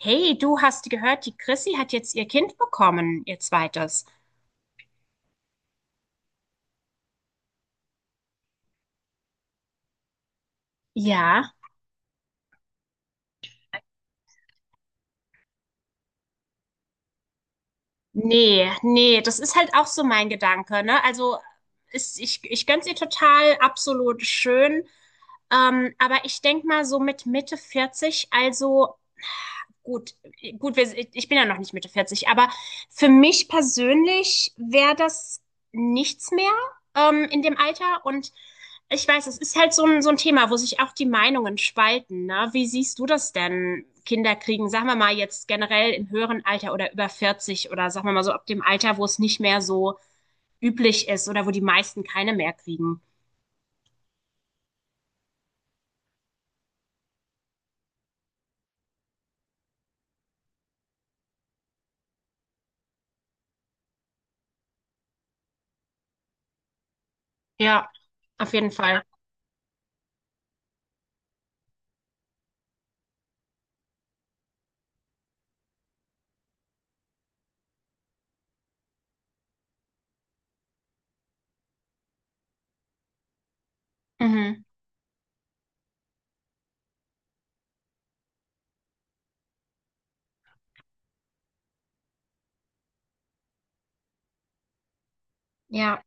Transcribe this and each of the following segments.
Hey, du hast gehört, die Chrissy hat jetzt ihr Kind bekommen, ihr zweites. Ja, nee, nee, das ist halt auch so mein Gedanke, ne? Also, ich gönn's ihr total, absolut schön. Aber ich denk mal so mit Mitte 40, also gut, gut, ich bin ja noch nicht Mitte vierzig, aber für mich persönlich wäre das nichts mehr, in dem Alter. Und ich weiß, es ist halt so ein Thema, wo sich auch die Meinungen spalten. Ne? Wie siehst du das denn, Kinder kriegen? Sagen wir mal jetzt generell im höheren Alter oder über 40 oder sagen wir mal so ab dem Alter, wo es nicht mehr so üblich ist oder wo die meisten keine mehr kriegen. Ja, auf jeden Fall. Mhm. Ja,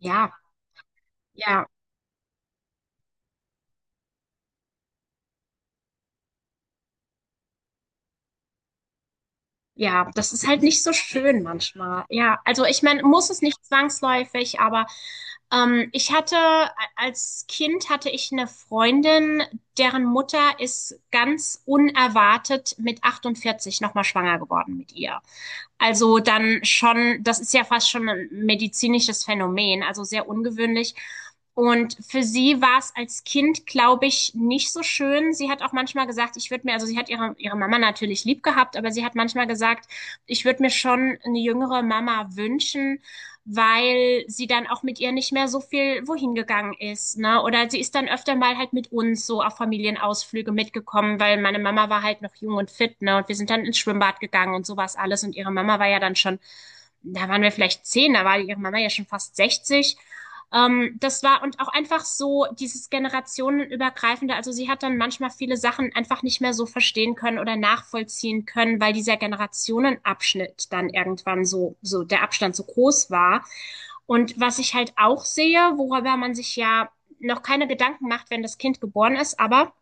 ja, ja. Ja, das ist halt nicht so schön manchmal. Ja, also ich meine, muss es nicht zwangsläufig, aber ich hatte als Kind hatte ich eine Freundin, deren Mutter ist ganz unerwartet mit 48 nochmal schwanger geworden mit ihr. Also dann schon, das ist ja fast schon ein medizinisches Phänomen, also sehr ungewöhnlich. Und für sie war es als Kind, glaube ich, nicht so schön. Sie hat auch manchmal gesagt, also sie hat ihre Mama natürlich lieb gehabt, aber sie hat manchmal gesagt, ich würde mir schon eine jüngere Mama wünschen, weil sie dann auch mit ihr nicht mehr so viel wohin gegangen ist, ne? Oder sie ist dann öfter mal halt mit uns so auf Familienausflüge mitgekommen, weil meine Mama war halt noch jung und fit, ne? Und wir sind dann ins Schwimmbad gegangen und sowas alles. Und ihre Mama war ja dann schon, da waren wir vielleicht 10, da war ihre Mama ja schon fast 60, das war und auch einfach so dieses generationenübergreifende. Also sie hat dann manchmal viele Sachen einfach nicht mehr so verstehen können oder nachvollziehen können, weil dieser Generationenabschnitt dann irgendwann so der Abstand so groß war. Und was ich halt auch sehe, worüber man sich ja noch keine Gedanken macht, wenn das Kind geboren ist, aber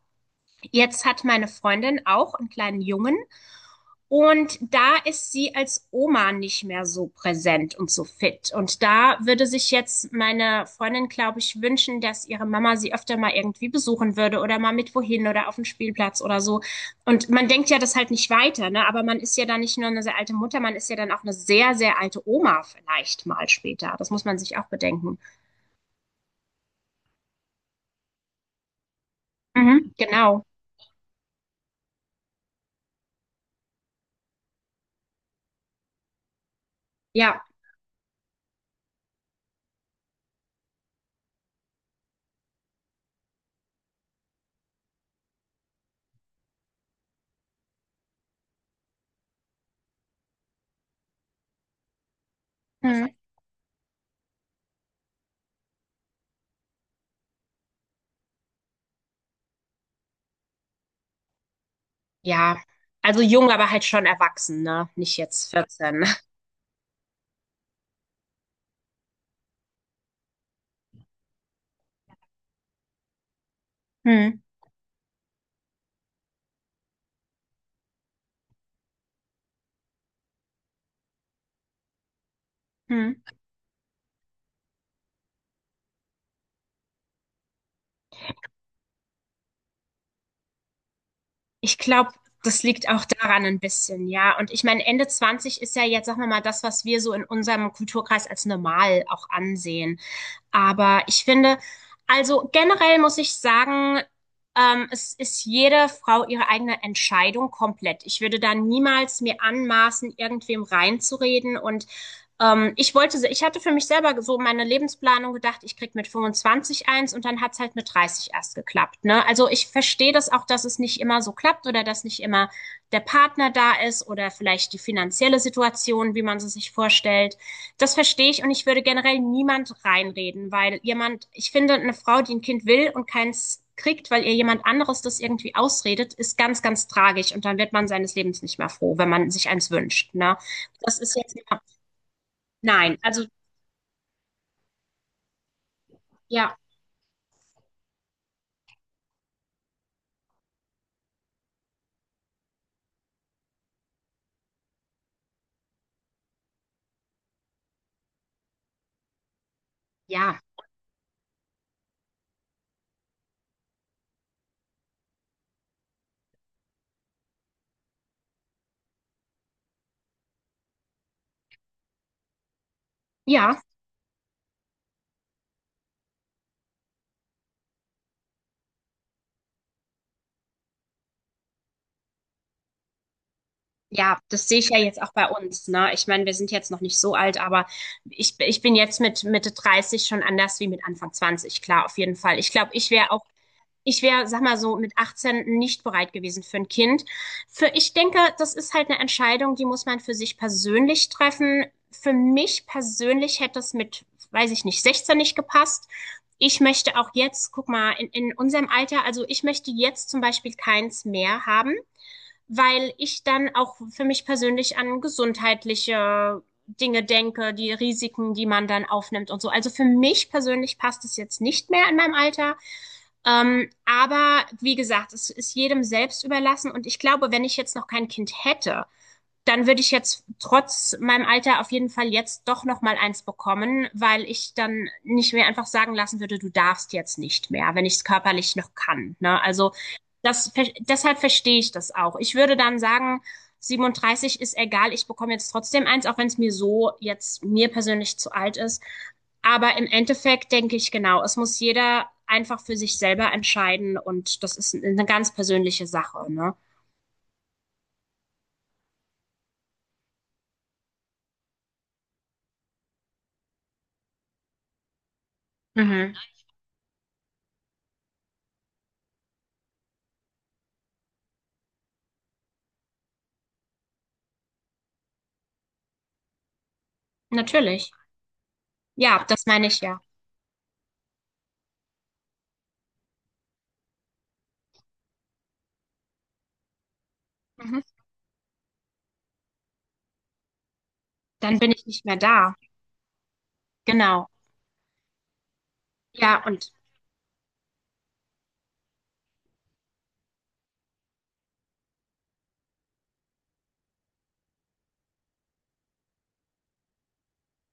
jetzt hat meine Freundin auch einen kleinen Jungen und da ist sie als Oma nicht mehr so präsent und so fit. Und da würde sich jetzt meine Freundin, glaube ich, wünschen, dass ihre Mama sie öfter mal irgendwie besuchen würde oder mal mit wohin oder auf den Spielplatz oder so. Und man denkt ja das halt nicht weiter, ne? Aber man ist ja dann nicht nur eine sehr alte Mutter, man ist ja dann auch eine sehr, sehr alte Oma vielleicht mal später. Das muss man sich auch bedenken. Mhm, genau. Ja. Mhm. Ja. Also jung, aber halt schon erwachsen, ne? Nicht jetzt 14. Mhm. Mhm. Ich glaube, das liegt auch daran ein bisschen, ja. Und ich meine, Ende 20 ist ja jetzt, sagen wir mal, das, was wir so in unserem Kulturkreis als normal auch ansehen. Aber ich finde, also generell muss ich sagen, es ist jede Frau ihre eigene Entscheidung komplett. Ich würde da niemals mir anmaßen, irgendwem reinzureden. Und ich hatte für mich selber so meine Lebensplanung gedacht, ich krieg mit 25 eins und dann hat's halt mit 30 erst geklappt. Ne? Also ich verstehe das auch, dass es nicht immer so klappt oder dass nicht immer der Partner da ist oder vielleicht die finanzielle Situation, wie man sie sich vorstellt. Das verstehe ich und ich würde generell niemand reinreden, weil jemand, ich finde, eine Frau, die ein Kind will und keins kriegt, weil ihr jemand anderes das irgendwie ausredet, ist ganz, ganz tragisch und dann wird man seines Lebens nicht mehr froh, wenn man sich eins wünscht. Ne? Das ist jetzt, nein, also ja, ja, ja. Ja, das sehe ich ja jetzt auch bei uns, ne? Ich meine, wir sind jetzt noch nicht so alt, aber ich bin jetzt mit Mitte 30 schon anders wie mit Anfang 20, klar, auf jeden Fall. Ich glaube, ich wäre, sag mal so, mit 18 nicht bereit gewesen für ein Kind. Ich denke, das ist halt eine Entscheidung, die muss man für sich persönlich treffen. Für mich persönlich hätte es mit, weiß ich nicht, 16 nicht gepasst. Ich möchte auch jetzt, guck mal, in unserem Alter, also ich möchte jetzt zum Beispiel keins mehr haben, weil ich dann auch für mich persönlich an gesundheitliche Dinge denke, die Risiken, die man dann aufnimmt und so. Also für mich persönlich passt es jetzt nicht mehr in meinem Alter. Aber wie gesagt, es ist jedem selbst überlassen. Und ich glaube, wenn ich jetzt noch kein Kind hätte, dann würde ich jetzt trotz meinem Alter auf jeden Fall jetzt doch noch mal eins bekommen, weil ich dann nicht mehr einfach sagen lassen würde, du darfst jetzt nicht mehr, wenn ich es körperlich noch kann. Ne? Also deshalb verstehe ich das auch. Ich würde dann sagen, 37 ist egal, ich bekomme jetzt trotzdem eins, auch wenn es mir so jetzt mir persönlich zu alt ist. Aber im Endeffekt denke ich genau, es muss jeder einfach für sich selber entscheiden und das ist eine ganz persönliche Sache, ne? Mhm. Natürlich. Ja, das meine ich ja. Mhm. Dann bin ich nicht mehr da. Genau. Ja, und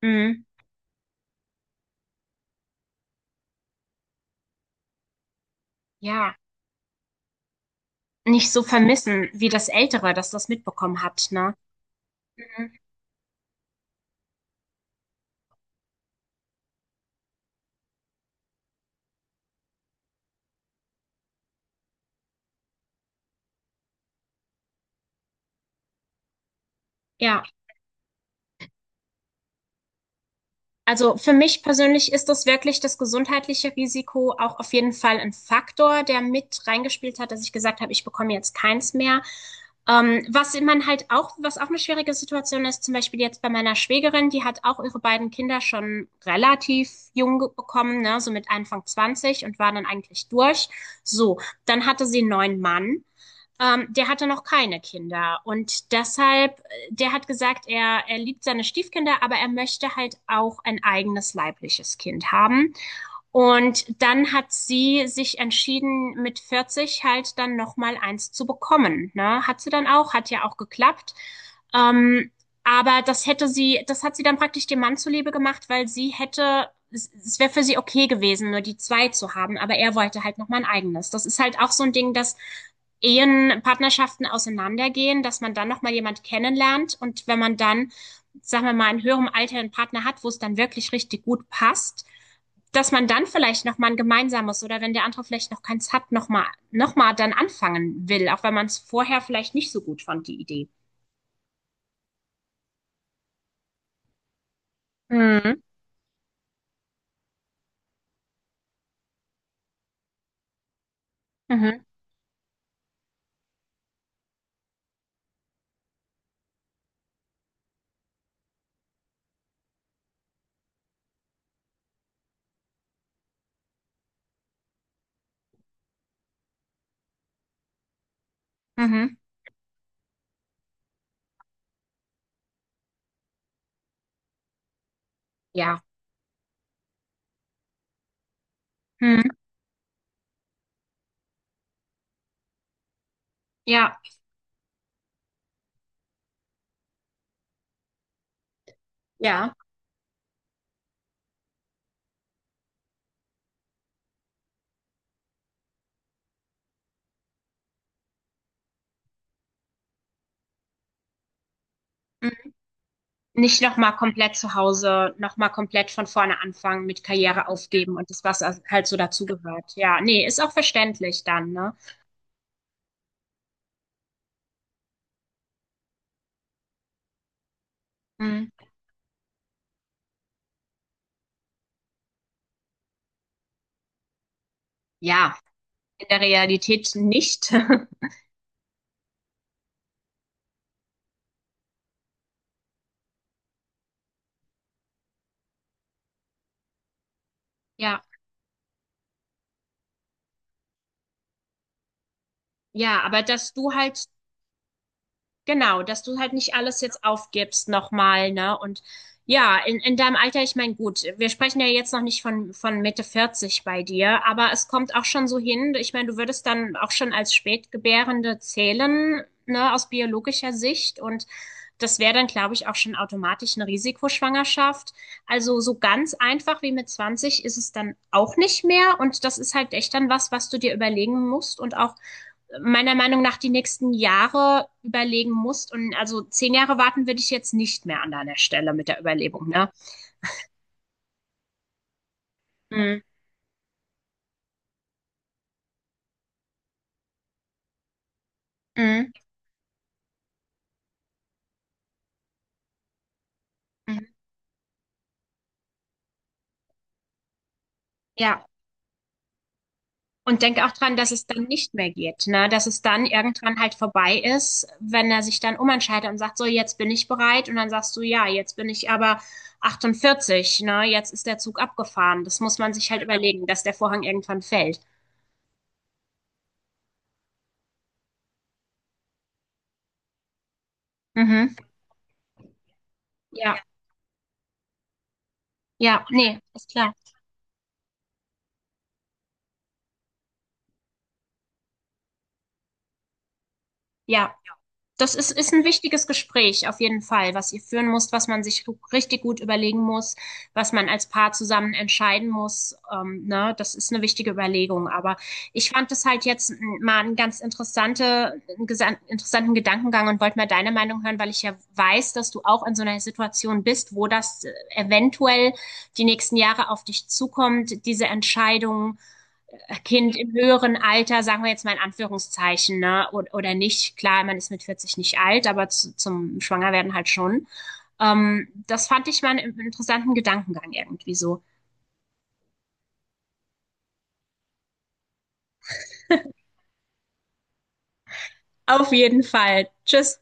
mhm. ja, nicht so vermissen wie das Ältere, das das mitbekommen hat, ne? Mhm. Ja, also für mich persönlich ist das wirklich das gesundheitliche Risiko auch auf jeden Fall ein Faktor, der mit reingespielt hat, dass ich gesagt habe, ich bekomme jetzt keins mehr. Was auch eine schwierige Situation ist, zum Beispiel jetzt bei meiner Schwägerin, die hat auch ihre beiden Kinder schon relativ jung bekommen, ne, so mit Anfang 20 und war dann eigentlich durch. So, dann hatte sie einen neuen Mann. Der hatte noch keine Kinder und deshalb, der hat gesagt, er liebt seine Stiefkinder, aber er möchte halt auch ein eigenes leibliches Kind haben. Und dann hat sie sich entschieden, mit 40 halt dann nochmal eins zu bekommen. Ne? Hat sie dann auch, hat ja auch geklappt. Ähm, aber das hat sie dann praktisch dem Mann zuliebe gemacht, weil es wäre für sie okay gewesen, nur die zwei zu haben, aber er wollte halt nochmal ein eigenes. Das ist halt auch so ein Ding, dass Ehen, Partnerschaften auseinandergehen, dass man dann nochmal jemand kennenlernt und wenn man dann, sagen wir mal, in höherem Alter einen Partner hat, wo es dann wirklich richtig gut passt, dass man dann vielleicht nochmal ein gemeinsames oder wenn der andere vielleicht noch keins hat, noch mal dann anfangen will, auch wenn man es vorher vielleicht nicht so gut fand, die Idee. Mhm. Mhm. Mhm. Ja. Mhm. Ja. Ja. Mhm. Nicht nochmal komplett zu Hause, nochmal komplett von vorne anfangen, mit Karriere aufgeben und das, was halt so dazugehört. Ja, nee, ist auch verständlich dann, ne? Mhm. Ja, in der Realität nicht. Ja, ja, aber dass du halt Genau, dass du halt nicht alles jetzt aufgibst nochmal, ne? Und ja, in deinem Alter, ich meine, gut, wir sprechen ja jetzt noch nicht von Mitte 40 bei dir, aber es kommt auch schon so hin, ich meine, du würdest dann auch schon als Spätgebärende zählen, ne, aus biologischer Sicht und das wäre dann, glaube ich, auch schon automatisch eine Risikoschwangerschaft. Also so ganz einfach wie mit 20 ist es dann auch nicht mehr und das ist halt echt dann was, was du dir überlegen musst und auch meiner Meinung nach die nächsten Jahre überlegen musst. Und also 10 Jahre warten würde ich jetzt nicht mehr an deiner Stelle mit der Überlebung, ne? Mhm. Mhm. Mhm. Ja. Und denk auch dran, dass es dann nicht mehr geht, ne? Dass es dann irgendwann halt vorbei ist, wenn er sich dann umentscheidet und sagt, so, jetzt bin ich bereit. Und dann sagst du, ja, jetzt bin ich aber 48, ne? Jetzt ist der Zug abgefahren. Das muss man sich halt überlegen, dass der Vorhang irgendwann fällt. Mhm. Ja, ja, nee, ist klar. Ja. Das ist ein wichtiges Gespräch auf jeden Fall, was ihr führen müsst, was man sich richtig gut überlegen muss, was man als Paar zusammen entscheiden muss. Ne? Das ist eine wichtige Überlegung. Aber ich fand das halt jetzt mal einen ganz interessante, einen gesan- interessanten Gedankengang und wollte mal deine Meinung hören, weil ich ja weiß, dass du auch in so einer Situation bist, wo das eventuell die nächsten Jahre auf dich zukommt, diese Entscheidung Kind im höheren Alter, sagen wir jetzt mal in Anführungszeichen, ne, oder nicht. Klar, man ist mit 40 nicht alt, aber zum Schwangerwerden halt schon. Das fand ich mal einen interessanten Gedankengang irgendwie so. Auf jeden Fall. Tschüss.